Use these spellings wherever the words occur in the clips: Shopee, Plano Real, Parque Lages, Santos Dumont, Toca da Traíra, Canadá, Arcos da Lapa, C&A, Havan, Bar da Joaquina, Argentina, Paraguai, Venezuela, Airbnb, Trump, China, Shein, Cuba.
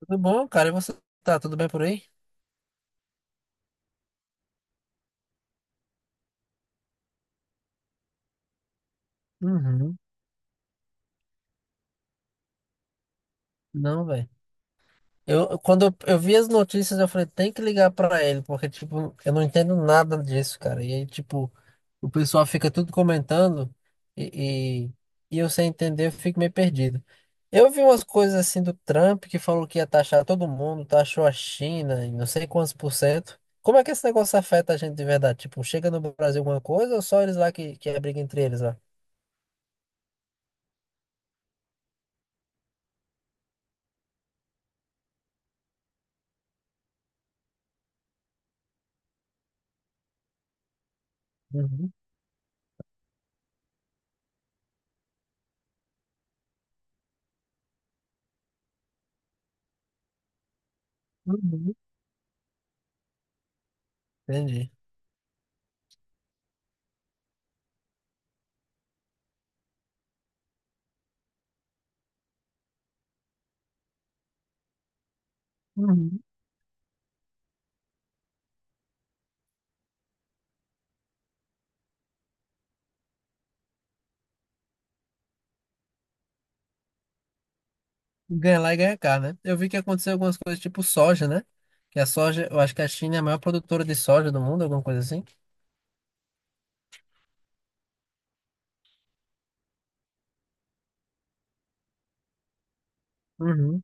Tudo bom, cara? E você tá tudo bem por aí? Uhum. Não, velho. Quando eu vi as notícias, eu falei, tem que ligar pra ele, porque, tipo, eu não entendo nada disso, cara. E aí, tipo, o pessoal fica tudo comentando e, e, e eu sem entender, eu fico meio perdido. Eu vi umas coisas assim do Trump que falou que ia taxar todo mundo, taxou a China em não sei quantos por cento. Como é que esse negócio afeta a gente de verdade? Tipo, chega no Brasil alguma coisa ou só eles lá que é briga entre eles lá? Uhum, uhum, entendi. Uhum. Ganha lá e ganha cá, né? Eu vi que aconteceu algumas coisas tipo soja, né? Que a soja, eu acho que a China é a maior produtora de soja do mundo, alguma coisa assim. Uhum.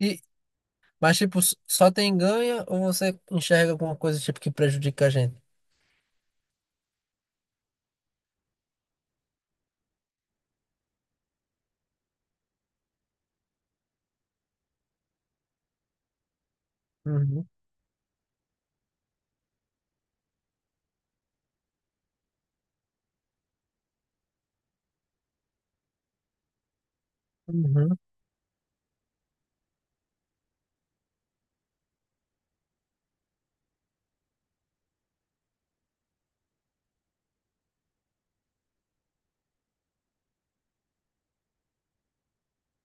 E, mas tipo, só tem ganho ou você enxerga alguma coisa tipo que prejudica a gente? Uhum, uhum.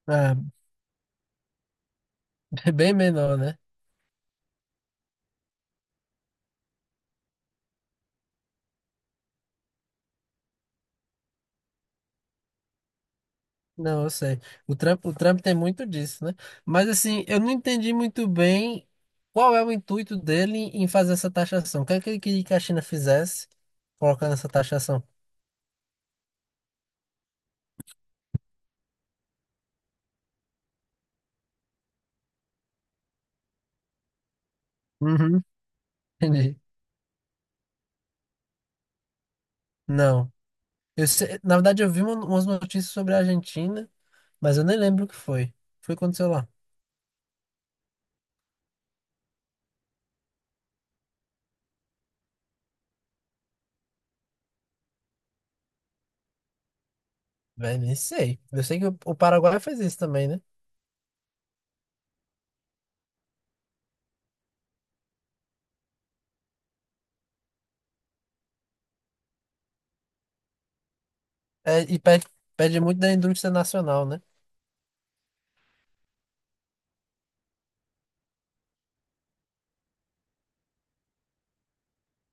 Ah, é bem menor, né? Não, eu sei. O Trump tem muito disso, né? Mas assim, eu não entendi muito bem qual é o intuito dele em fazer essa taxação. O que é que ele queria que a China fizesse colocando essa taxação? Uhum, entendi. Não. Eu se- Na verdade, umas notícias sobre a Argentina, mas eu nem lembro o que foi. Foi o que aconteceu lá. Véi, nem sei. Eu sei que o Paraguai faz isso também, né? É, pede muito da indústria nacional, né?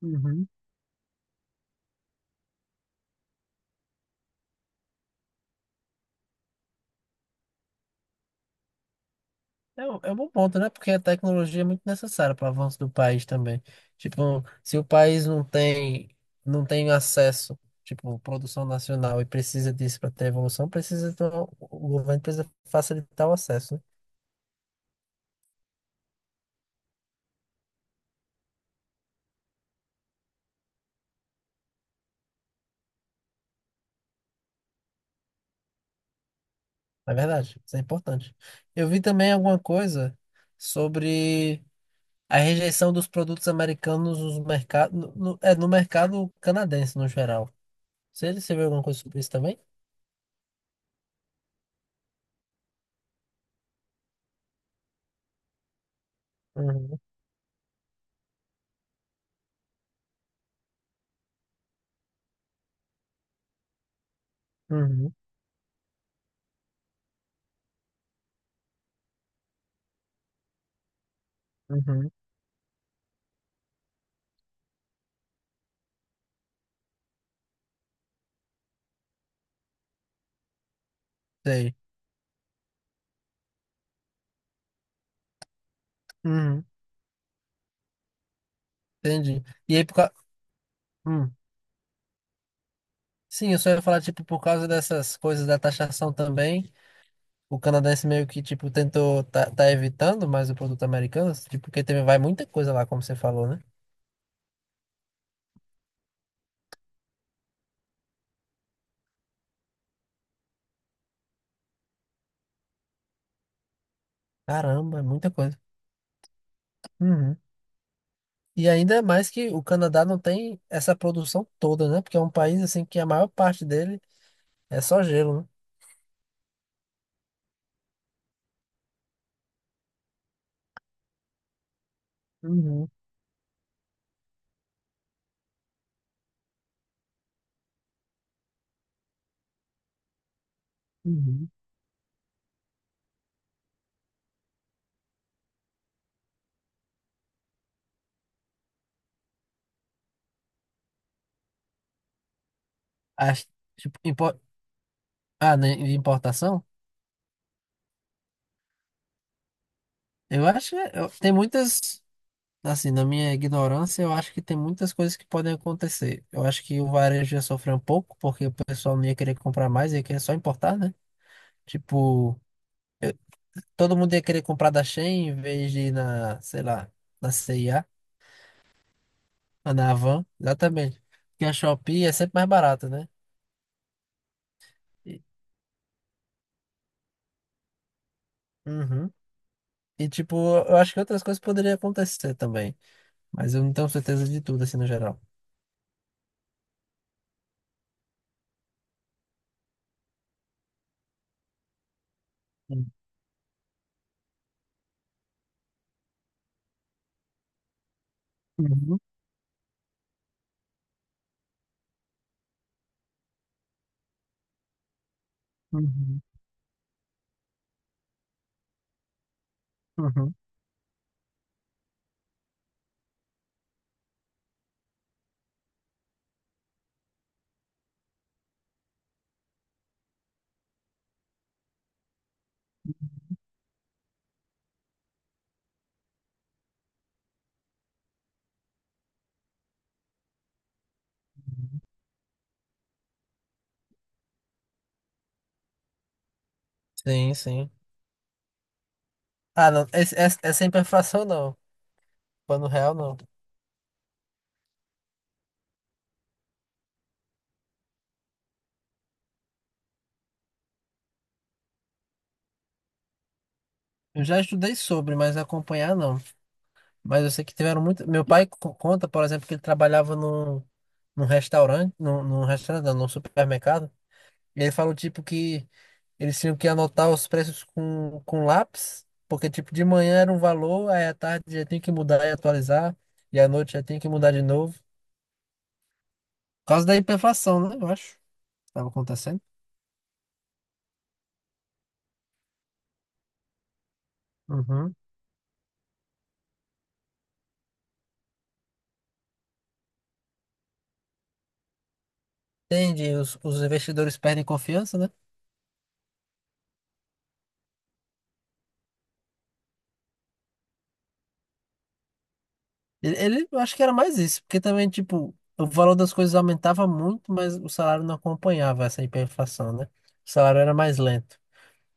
Uhum. É um bom ponto, né? Porque a tecnologia é muito necessária para o avanço do país também. Tipo, se o país não tem, não tem acesso, tipo, produção nacional e precisa disso para ter evolução, precisa, então, o governo precisa facilitar o acesso, né? É verdade, isso é importante. Eu vi também alguma coisa sobre a rejeição dos produtos americanos nos mercados, é, no mercado canadense no geral. Você viu alguma coisa sobre isso também? Uhum, uhum, uhum, sei. Uhum, entendi. E aí, por causa. Sim, eu só ia falar, tipo, por causa dessas coisas da taxação também. O canadense meio que, tipo, tentou, tá evitando mais o produto americano, tipo, porque teve, vai muita coisa lá, como você falou, né? Caramba, é muita coisa. Uhum. E ainda mais que o Canadá não tem essa produção toda, né? Porque é um país, assim, que a maior parte dele é só gelo, né? Uhum, uhum. Acho, tipo, impo- ah, né, de importação? Eu acho que é- eu- tem muitas. Assim, na minha ignorância, eu acho que tem muitas coisas que podem acontecer. Eu acho que o varejo ia sofrer um pouco, porque o pessoal não ia querer comprar mais, ia querer só importar, né? Tipo, todo mundo ia querer comprar da Shein em vez de ir na, sei lá, na C&A, ou na Havan, exatamente. Porque a Shopee é sempre mais barata, né? E, uhum. E, tipo, eu acho que outras coisas poderiam acontecer também, mas eu não tenho certeza de tudo, assim, no geral. Uhum, uhum, uhum. Sim, sim. Ah, não, essa é a imperfeição, não. Plano real, não. Eu já estudei sobre, mas acompanhar, não. Mas eu sei que tiveram muito. Meu pai conta, por exemplo, que ele trabalhava num restaurante, num restaurante, não, num supermercado. E ele falou, tipo, que eles tinham que anotar os preços com lápis, porque, tipo, de manhã era um valor, aí à tarde já tinha que mudar e atualizar, e à noite já tinha que mudar de novo. Por causa da hiperinflação, né? Eu acho que estava acontecendo. Uhum. Entendi. Os investidores perdem confiança, né? Eu acho que era mais isso, porque também, tipo, o valor das coisas aumentava muito, mas o salário não acompanhava essa hiperinflação, né? O salário era mais lento.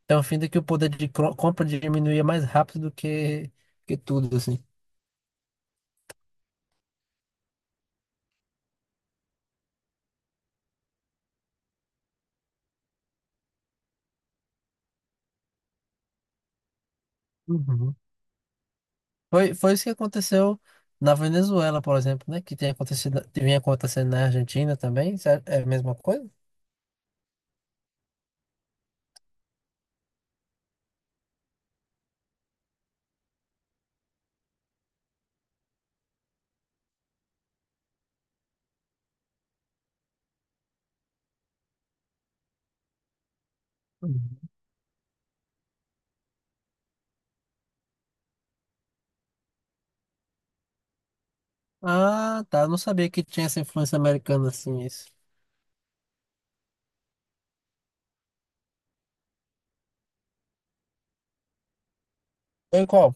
Então, fim de que o poder de compra diminuía mais rápido do que tudo, assim. Uhum. Foi isso que aconteceu na Venezuela, por exemplo, né? Que tem acontecido, que vinha acontecendo na Argentina também. Isso é é a mesma coisa? Uhum. Ah, tá. Eu não sabia que tinha essa influência americana, assim, isso. Foi qual?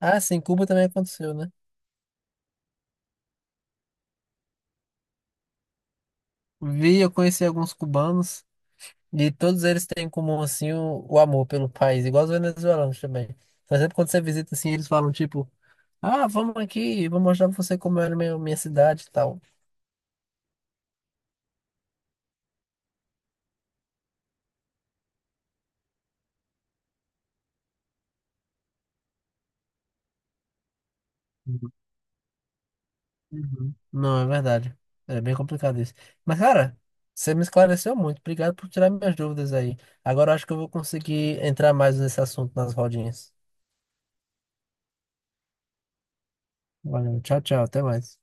Ah, sim, Cuba também aconteceu, né? Vi, eu conheci alguns cubanos. E todos eles têm em comum, assim, o amor pelo país, igual os venezuelanos também. Mas sempre quando você visita, assim, eles falam, tipo, ah, vamos aqui, vou mostrar pra você como era minha cidade e tal. Uhum. Não, é verdade. É bem complicado isso. Mas, cara, você me esclareceu muito. Obrigado por tirar minhas dúvidas aí. Agora eu acho que eu vou conseguir entrar mais nesse assunto nas rodinhas. Valeu, tchau, tchau, até mais.